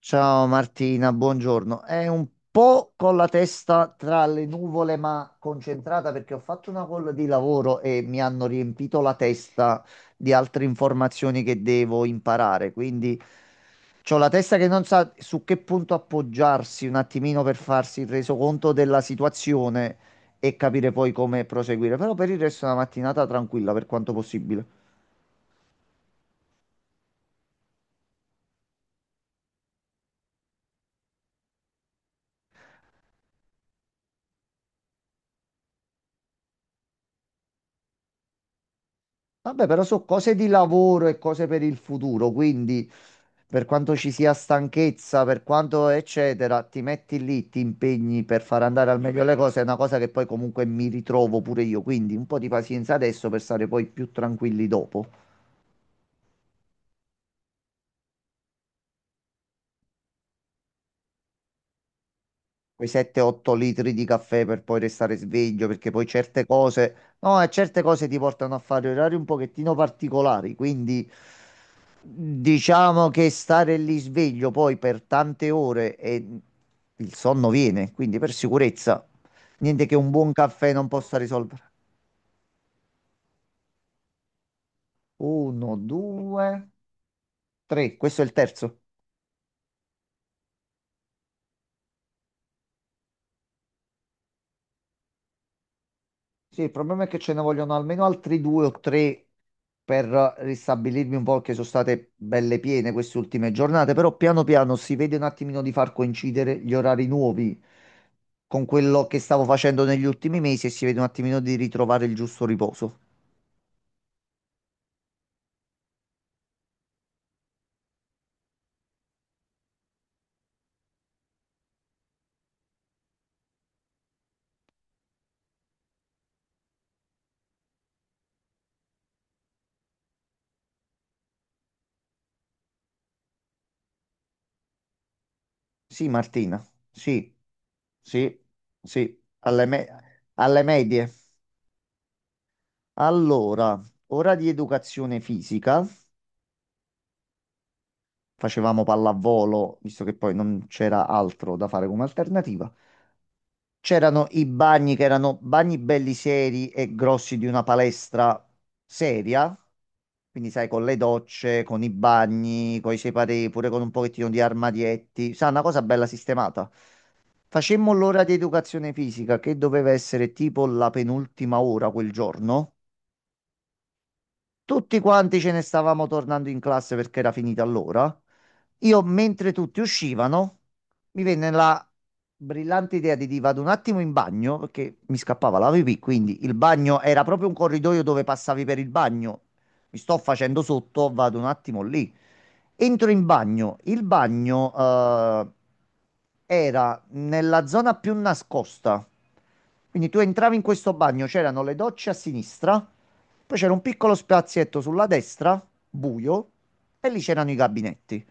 Ciao Martina, buongiorno. È un po' con la testa tra le nuvole, ma concentrata perché ho fatto una call di lavoro e mi hanno riempito la testa di altre informazioni che devo imparare. Quindi ho la testa che non sa su che punto appoggiarsi un attimino per farsi il resoconto della situazione e capire poi come proseguire. Però per il resto è una mattinata tranquilla per quanto possibile. Vabbè, però sono cose di lavoro e cose per il futuro, quindi per quanto ci sia stanchezza, per quanto eccetera, ti metti lì, ti impegni per far andare al meglio le cose, è una cosa che poi comunque mi ritrovo pure io, quindi un po' di pazienza adesso per stare poi più tranquilli dopo. Quei 7-8 litri di caffè per poi restare sveglio, perché poi certe cose, no, e certe cose ti portano a fare orari un pochettino particolari, quindi diciamo che stare lì sveglio poi per tante ore e il sonno viene, quindi per sicurezza, niente che un buon caffè non possa risolvere. Uno, due, tre, questo è il terzo. Sì, il problema è che ce ne vogliono almeno altri due o tre per ristabilirmi un po' che sono state belle piene queste ultime giornate, però piano piano si vede un attimino di far coincidere gli orari nuovi con quello che stavo facendo negli ultimi mesi e si vede un attimino di ritrovare il giusto riposo. Sì, Martina, sì, sì, sì, alle medie. Allora, ora di educazione fisica. Facevamo pallavolo, visto che poi non c'era altro da fare come alternativa. C'erano i bagni che erano bagni belli seri e grossi di una palestra seria, quindi sai, con le docce, con i bagni, con i separé, pure con un pochettino di armadietti, sai, una cosa bella sistemata. Facemmo l'ora di educazione fisica che doveva essere tipo la penultima ora quel giorno. Tutti quanti ce ne stavamo tornando in classe perché era finita l'ora. Io, mentre tutti uscivano, mi venne la brillante idea di dire vado un attimo in bagno perché mi scappava la pipì, quindi il bagno era proprio un corridoio dove passavi per il bagno. Mi sto facendo sotto, vado un attimo lì. Entro in bagno. Il bagno, era nella zona più nascosta. Quindi tu entravi in questo bagno, c'erano le docce a sinistra, poi c'era un piccolo spazietto sulla destra, buio, e lì c'erano i gabinetti.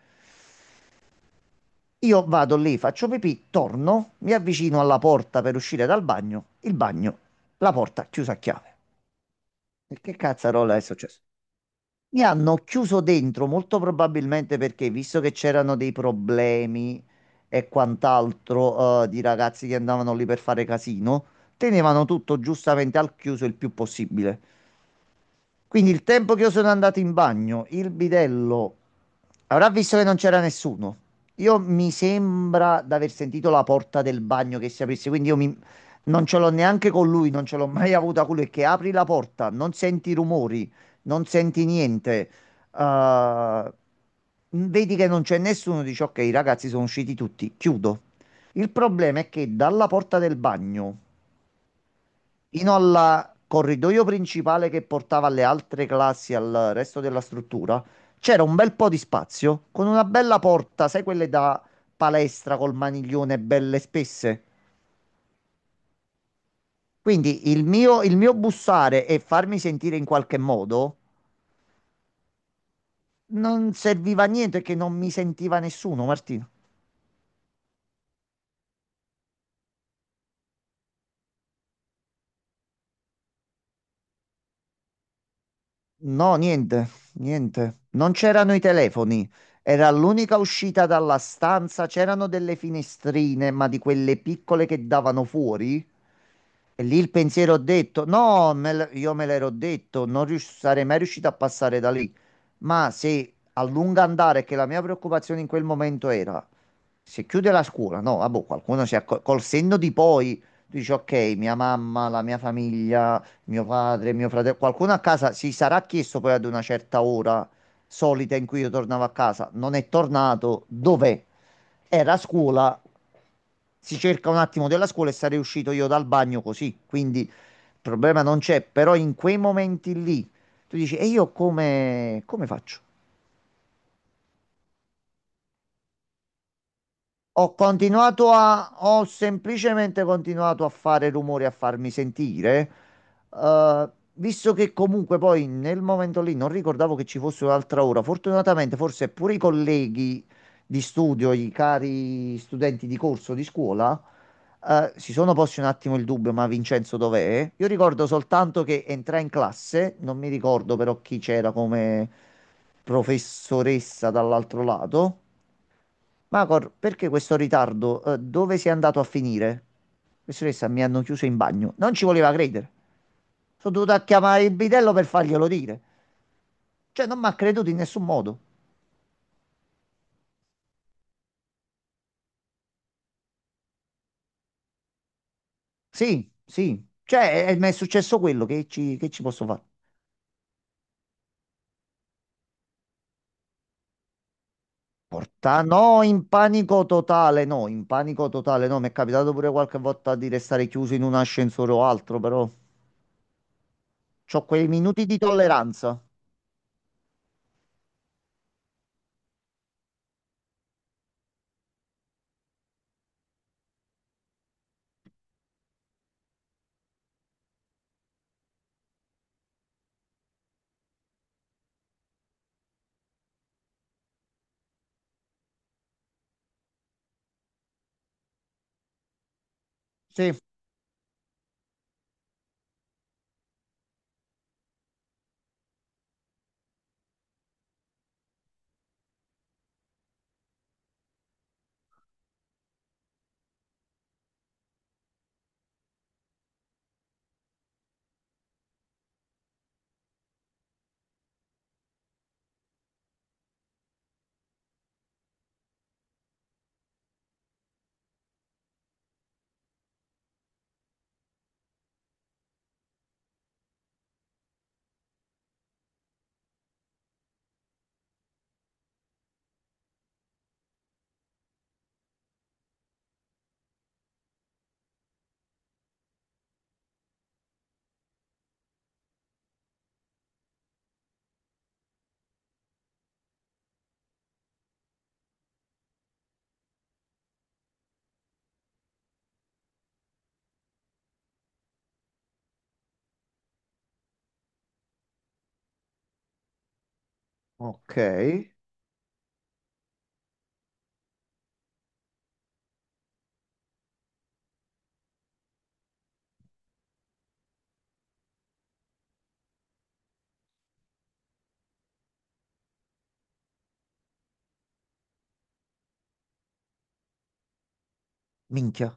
Io vado lì, faccio pipì, torno, mi avvicino alla porta per uscire dal bagno, la porta chiusa a chiave. E che cazzarola è successo? Mi hanno chiuso dentro, molto probabilmente perché, visto che c'erano dei problemi e quant'altro, di ragazzi che andavano lì per fare casino, tenevano tutto giustamente al chiuso il più possibile. Quindi il tempo che io sono andato in bagno, il bidello avrà visto che non c'era nessuno. Io mi sembra di aver sentito la porta del bagno che si aprisse, quindi non ce l'ho neanche con lui, non ce l'ho mai avuta con lui, che apri la porta, non senti rumori, non senti niente. eh, Vedi che non c'è nessuno, dici ok, i ragazzi sono usciti tutti, chiudo. Il problema è che dalla porta del bagno fino al corridoio principale che portava alle altre classi, al resto della struttura, c'era un bel po' di spazio con una bella porta, sai quelle da palestra col maniglione belle spesse? Quindi il mio bussare e farmi sentire in qualche modo non serviva a niente che non mi sentiva nessuno, Martino. No, niente, niente. Non c'erano i telefoni. Era l'unica uscita dalla stanza. C'erano delle finestrine, ma di quelle piccole che davano fuori. E lì il pensiero ho detto: no, io me l'ero detto, non rius- sarei mai riuscito a passare da lì. Ma se a lungo andare, che la mia preoccupazione in quel momento era se chiude la scuola, no, vabbè, col senno di poi, tu dici ok, mia mamma, la mia famiglia, mio padre, mio fratello, qualcuno a casa si sarà chiesto poi ad una certa ora solita in cui io tornavo a casa, non è tornato, dov'è? Era a scuola, si cerca un attimo della scuola e sarei uscito io dal bagno così, quindi il problema non c'è, però in quei momenti lì tu dici e io come, come faccio? Ho semplicemente continuato a fare rumore, a farmi sentire, visto che comunque poi nel momento lì non ricordavo che ci fosse un'altra ora. Fortunatamente, forse pure i colleghi di studio, i cari studenti di corso di scuola, si sono posti un attimo il dubbio, ma Vincenzo dov'è? Io ricordo soltanto che entrai in classe, non mi ricordo però chi c'era come professoressa dall'altro lato. Macor, perché questo ritardo? Dove sei andato a finire? Professoressa, mi hanno chiuso in bagno. Non ci voleva credere. Sono dovuto a chiamare il bidello per farglielo dire. Cioè, non mi ha creduto in nessun modo. Sì, sì. Cioè, mi è successo quello che che ci posso fare? Porta, no, in panico totale, no, in panico totale, no. Mi è capitato pure qualche volta di restare chiuso in un ascensore o altro, però c'ho quei minuti di tolleranza. Sì, ok. Minchia,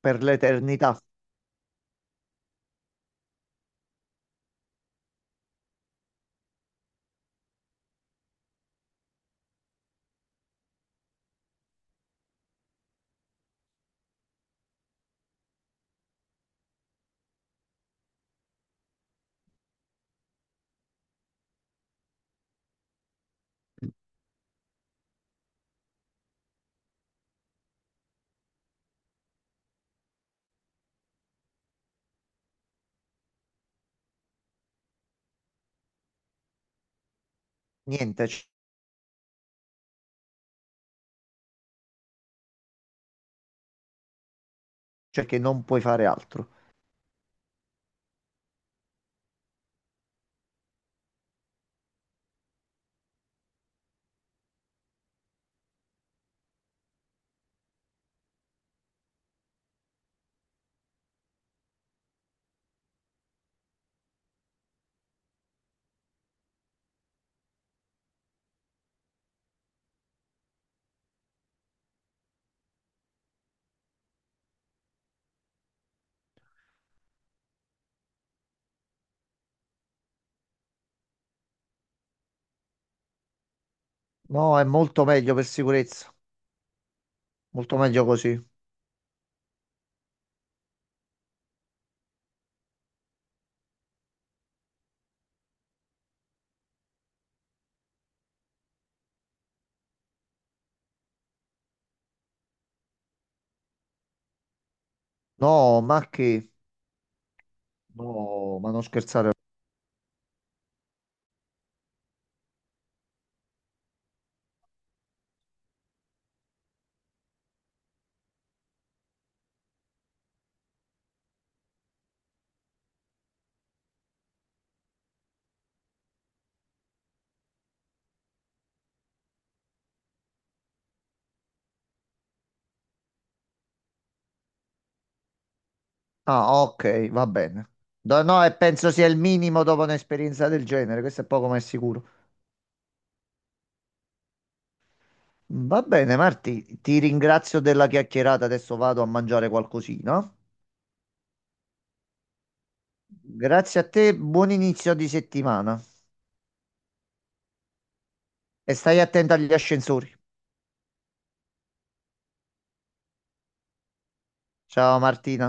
per l'eternità. Niente, c- cioè che non puoi fare altro. No, è molto meglio per sicurezza, molto meglio così. No, ma che? No, ma non scherzare. Ah, ok, va bene. No, no, e penso sia il minimo dopo un'esperienza del genere, questo è poco ma è sicuro. Va bene, Marti, ti ringrazio della chiacchierata, adesso vado a mangiare qualcosina. Grazie a te, buon inizio di settimana e stai attento agli ascensori. Ciao Martina.